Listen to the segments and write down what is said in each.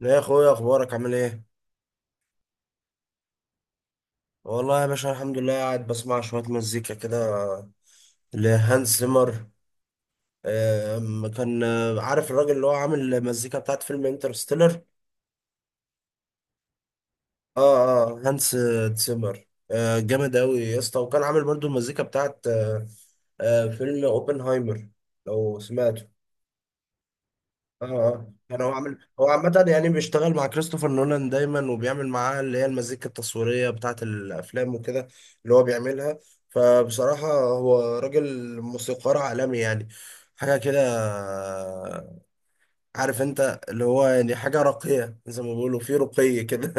لا يا اخويا، اخبارك عامل ايه؟ والله يا باشا، الحمد لله، قاعد بسمع شويه مزيكا كده لهانس زيمر. كان عارف الراجل اللي هو عامل المزيكا بتاعت فيلم انترستيلر. اه، اه، هانس زيمر، جامد قوي يا اسطى، وكان عامل برضو المزيكا بتاعت فيلم اوبنهايمر، لو سمعته. اه، اه، يعني هو عامة، يعني بيشتغل مع كريستوفر نولان دايما، وبيعمل معاه اللي هي المزيكا التصويرية بتاعة الأفلام وكده، اللي هو بيعملها. فبصراحة هو راجل موسيقار عالمي، يعني حاجة كده، عارف انت، اللي هو يعني حاجة راقية زي ما بيقولوا، في رقي كده.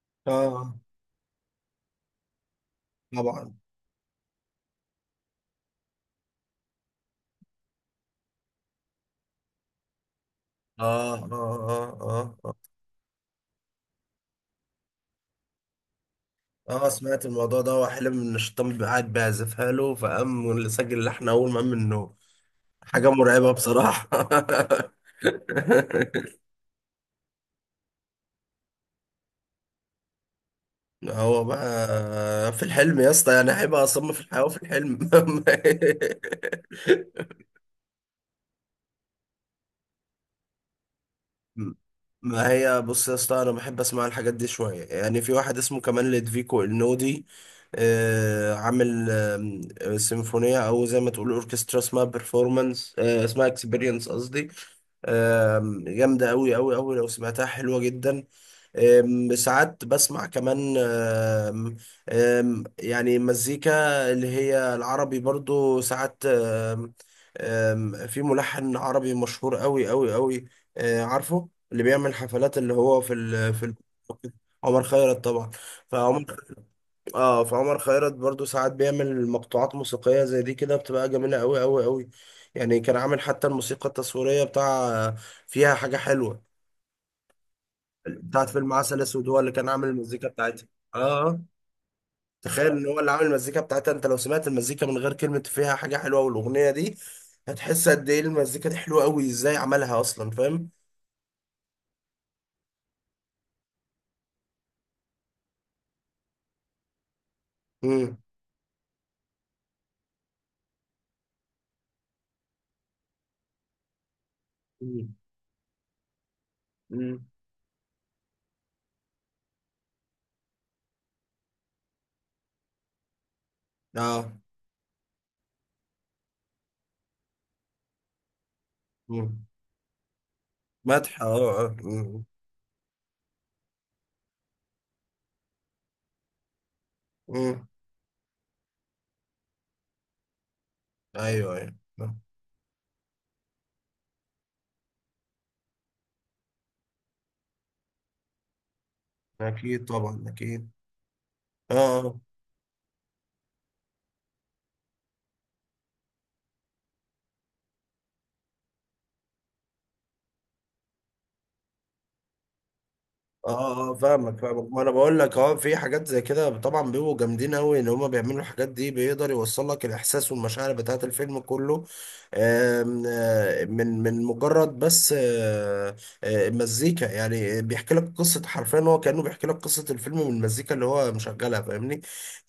اه طبعا. اه، اه، اه، اه. اه، سمعت الموضوع ده، وحلم ان الشيطان بيبقى قاعد بيعزفها له، فقام سجل اللحن اول ما قام من النوم. حاجة مرعبة بصراحة. هو بقى في الحلم يا اسطى، يعني هيبقى أصم في الحياة وفي الحلم. ما هي بص يا اسطى، انا بحب اسمع الحاجات دي شويه، يعني في واحد اسمه كمان لدفيكو النودي، عامل سيمفونيه، او زي ما تقول اوركسترا، اسمها بيرفورمانس، اسمها اكسبيرينس قصدي، جامده قوي قوي قوي، لو سمعتها حلوه جدا. ساعات بسمع كمان، يعني مزيكا اللي هي العربي برضو ساعات، في ملحن عربي مشهور قوي قوي قوي، عارفه اللي بيعمل حفلات، اللي هو في ال عمر خيرت طبعا. فعمر اه، فعمر خيرت برضو ساعات بيعمل مقطوعات موسيقية زي دي كده، بتبقى جميلة قوي قوي قوي. يعني كان عامل حتى الموسيقى التصويرية بتاع فيها حاجة حلوة، بتاعت فيلم عسل اسود، هو اللي كان عامل المزيكا بتاعتها. اه. آه. تخيل ان هو اللي عامل المزيكا بتاعتها، انت لو سمعت المزيكا من غير كلمة، فيها حاجة حلوة والاغنية دي، هتحس قد ايه المزيكا دي حلوة قوي، ازاي عملها اصلا، فاهم؟ امم. امم. أمم. اه. امم. مدح، اه. آه. امم. أمم. ايوه، ايوه. آه. اكيد طبعا، اكيد. اه، اه، اه، فاهمك فاهمك، ما انا بقول لك، اه في حاجات زي كده طبعا بيبقوا جامدين قوي، ان هما بيعملوا الحاجات دي، بيقدر يوصل لك الاحساس والمشاعر بتاعت الفيلم كله. من مجرد بس، مزيكا يعني بيحكي لك قصة حرفيا، هو كأنه بيحكي لك قصة الفيلم من المزيكا اللي هو مشغلها، فاهمني؟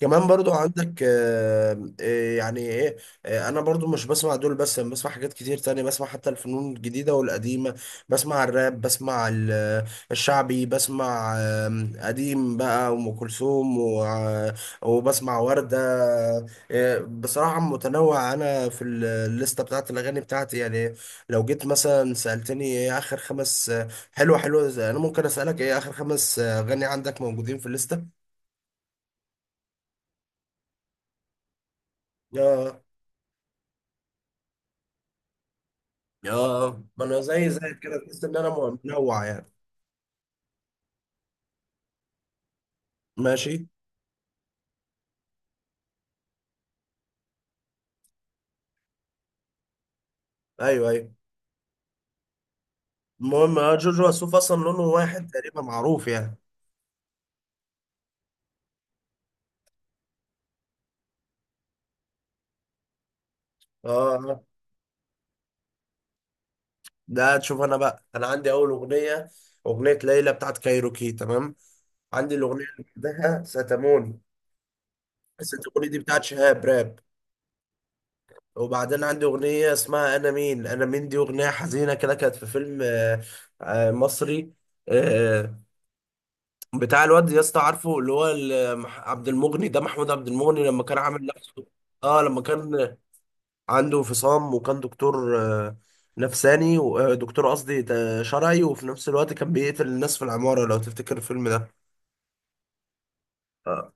كمان برضو عندك يعني ايه، انا برضو مش بسمع دول بس، انا بسمع حاجات كتير تانية، بسمع حتى الفنون الجديدة والقديمة، بسمع الراب، بسمع الشعبي، بسمع قديم بقى، وأم كلثوم وبسمع وردة. بصراحة متنوع أنا في الليستة بتاعت الأغاني بتاعتي يعني. لو جيت مثلا سألتني إيه آخر خمس حلوة حلوة أنا ممكن أسألك، إيه آخر خمس أغاني عندك موجودين في الليستة؟ آه. آه. ما أنا زي كده، تحس إن أنا منوع يعني. ماشي. أيوه، أيوه. المهم، جوجو وسوف أصلا لونه واحد تقريبا، معروف يعني. آه. ده تشوف انا بقى، انا عندي اول اغنيه، اغنيه ليلى بتاعت كايروكي، تمام. عندي الاغنيه اللي بعدها ستموني، بس الاغنيه دي بتاعت شهاب راب. وبعدين عندي اغنيه اسمها انا مين، انا مين دي اغنيه حزينه كده، كانت في فيلم مصري، آه، بتاع الواد يا اسطى، عارفه اللي هو عبد المغني، ده محمود عبد المغني لما كان عامل نفسه، اه، لما كان عنده انفصام، وكان دكتور نفساني، دكتور قصدي شرعي، وفي نفس الوقت كان بيقتل الناس في العمارة، لو تفتكر الفيلم ده. آه،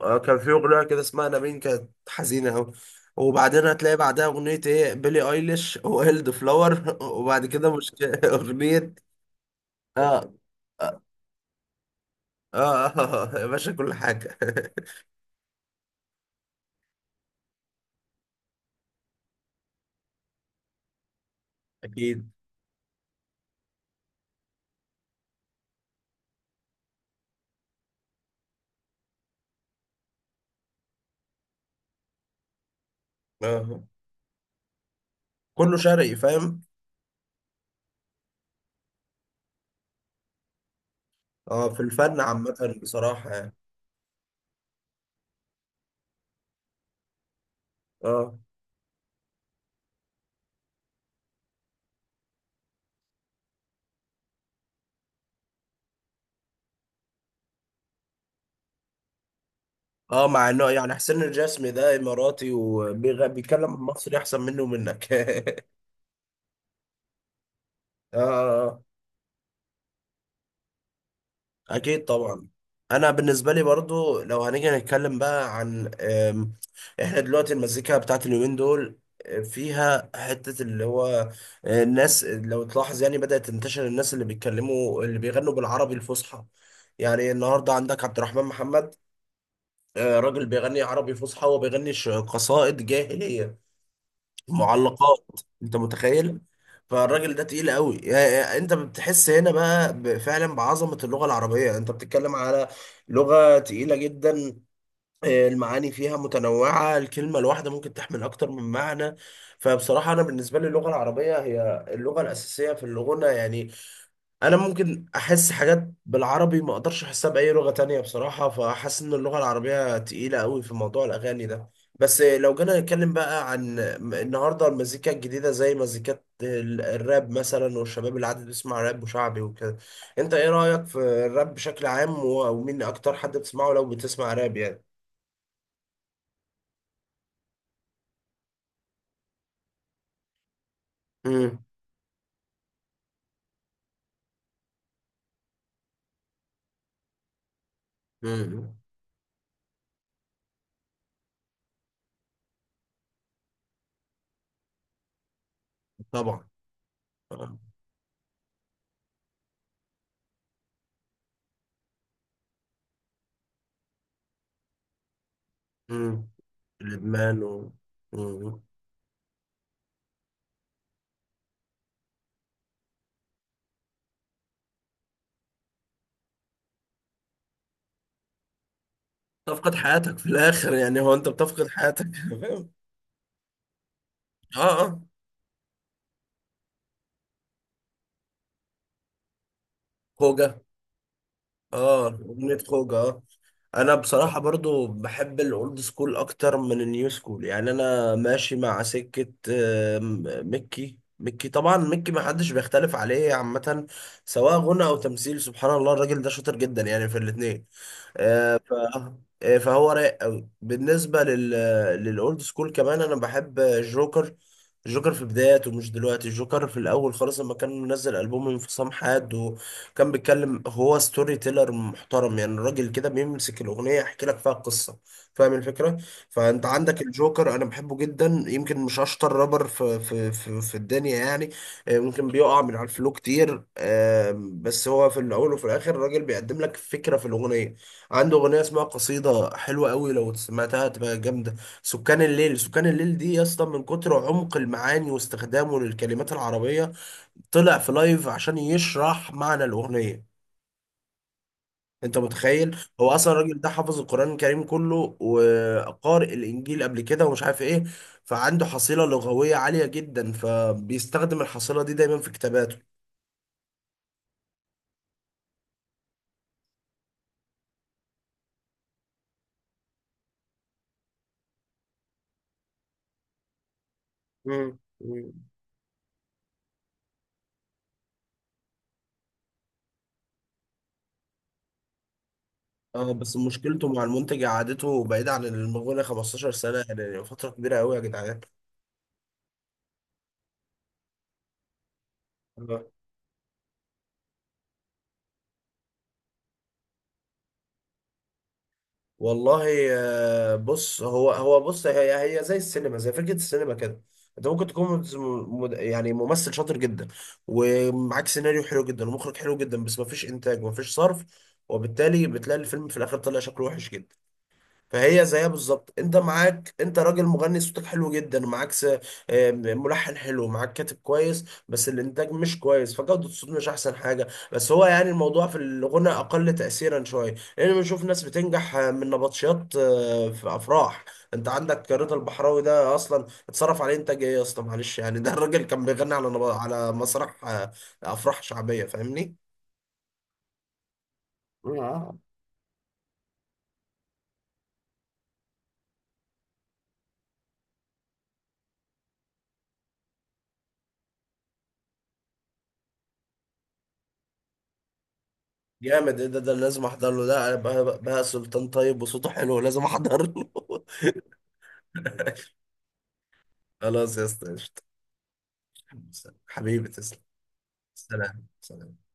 كان في أغنية كده اسمها نابين، كانت حزينة أوي. وبعدين هتلاقي بعدها أغنية إيه، بيلي أيليش وهيلد فلاور وبعد كده مش أغنية. آه. آه. آه. يا باشا كل حاجة. أكيد. آه، كله شرقي فاهم. آه، في الفن عامة بصراحة يعني. آه. اه، مع انه يعني حسين الجسمي ده اماراتي، وبيتكلم مصري احسن منه ومنك. اه. آه. آه. اكيد طبعا. انا بالنسبه لي برضو، لو هنيجي نتكلم بقى عن احنا دلوقتي المزيكا بتاعت اليومين دول، فيها حته اللي هو، الناس لو تلاحظ يعني بدات تنتشر الناس اللي بيتكلموا اللي بيغنوا بالعربي الفصحى. يعني النهارده عندك عبد الرحمن محمد، راجل بيغني عربي فصحى وبيغني قصائد جاهلية، معلقات. انت متخيل؟ فالراجل ده تقيل قوي يعني، انت بتحس هنا بقى فعلا بعظمة اللغة العربية، انت بتتكلم على لغة تقيلة جدا. المعاني فيها متنوعة، الكلمة الواحدة ممكن تحمل أكتر من معنى. فبصراحة أنا بالنسبة لي اللغة العربية هي اللغة الأساسية في اللغة يعني. انا ممكن احس حاجات بالعربي ما اقدرش احسها باي لغة تانية بصراحة، فحاسس ان اللغة العربية تقيلة قوي في موضوع الاغاني ده. بس لو جينا نتكلم بقى عن النهاردة المزيكا الجديدة، زي مزيكات الراب مثلا، والشباب اللي عاد بيسمع راب وشعبي وكده، انت ايه رأيك في الراب بشكل عام، ومين اكتر حد بتسمعه لو بتسمع راب يعني؟ امم. امم. طبعا. امم. لبنان و... مم. تفقد حياتك في الاخر يعني، هو انت بتفقد حياتك. اه، اه. خوجة. اه، أغنية خوجة، اه. أنا بصراحة برضو بحب الأولد سكول أكتر من النيو سكول، يعني أنا ماشي مع سكة مكي، مكي طبعا، مكي ما حدش بيختلف عليه عامة، سواء غنى أو تمثيل، سبحان الله، الراجل ده شاطر جدا يعني في الاتنين. آه، ف فهو رايق قوي بالنسبه لل للاولد سكول. كمان انا بحب جوكر، جوكر في بداياته مش دلوقتي، جوكر في الاول خالص، لما كان منزل البوم انفصام حاد، وكان بيتكلم، هو ستوري تيلر محترم يعني، الراجل كده بيمسك الاغنيه يحكي لك فيها القصه، فاهم الفكره؟ فانت عندك الجوكر، انا بحبه جدا، يمكن مش اشطر رابر في في الدنيا يعني، ممكن بيقع من على الفلو كتير، بس هو في الاول وفي الاخر الراجل بيقدم لك فكره في الاغنيه. عنده اغنيه اسمها قصيده، حلوه قوي لو سمعتها، تبقى جامده. سكان الليل، سكان الليل دي يا اسطى، من كتر عمق المعاني واستخدامه للكلمات العربيه، طلع في لايف عشان يشرح معنى الاغنيه. انت متخيل؟ هو اصلا الراجل ده حافظ القران الكريم كله، وقارئ الانجيل قبل كده، ومش عارف ايه. فعنده حصيله لغويه عاليه جدا، فبيستخدم الحصيله دي دايما في كتاباته. مم. مم. اه، بس مشكلته مع المنتج، قعدته بعيد عن المغنى 15 سنة، يعني فترة كبيرة قوي يا جدعان. آه. والله، بص، هو هو بص هي زي السينما، زي فكرة السينما كده، انت ممكن تكون يعني ممثل شاطر جدا، ومعاك سيناريو حلو جدا ومخرج حلو جدا، بس مفيش انتاج ومفيش صرف، وبالتالي بتلاقي الفيلم في الاخر طلع شكله وحش جدا. فهي زيها بالظبط، انت معاك، انت راجل مغني صوتك حلو جدا، معاك ملحن حلو، معاك كاتب كويس، بس الانتاج مش كويس، فجودة الصوت مش احسن حاجة. بس هو يعني الموضوع في الغنى اقل تأثيرا شوية، لان بنشوف ناس بتنجح من نبطشيات في افراح. انت عندك رضا البحراوي ده اصلا اتصرف عليه انتاج ايه يا اسطى، معلش يعني، ده الراجل كان بيغني على على مسرح افراح شعبية، فاهمني؟ جامد! ايه ده، ده لازم احضر له، ده بقى سلطان طيب وصوته حلو، لازم احضر له. خلاص يا اسطى، قشطة. حبيبي تسلم. سلام، سلام.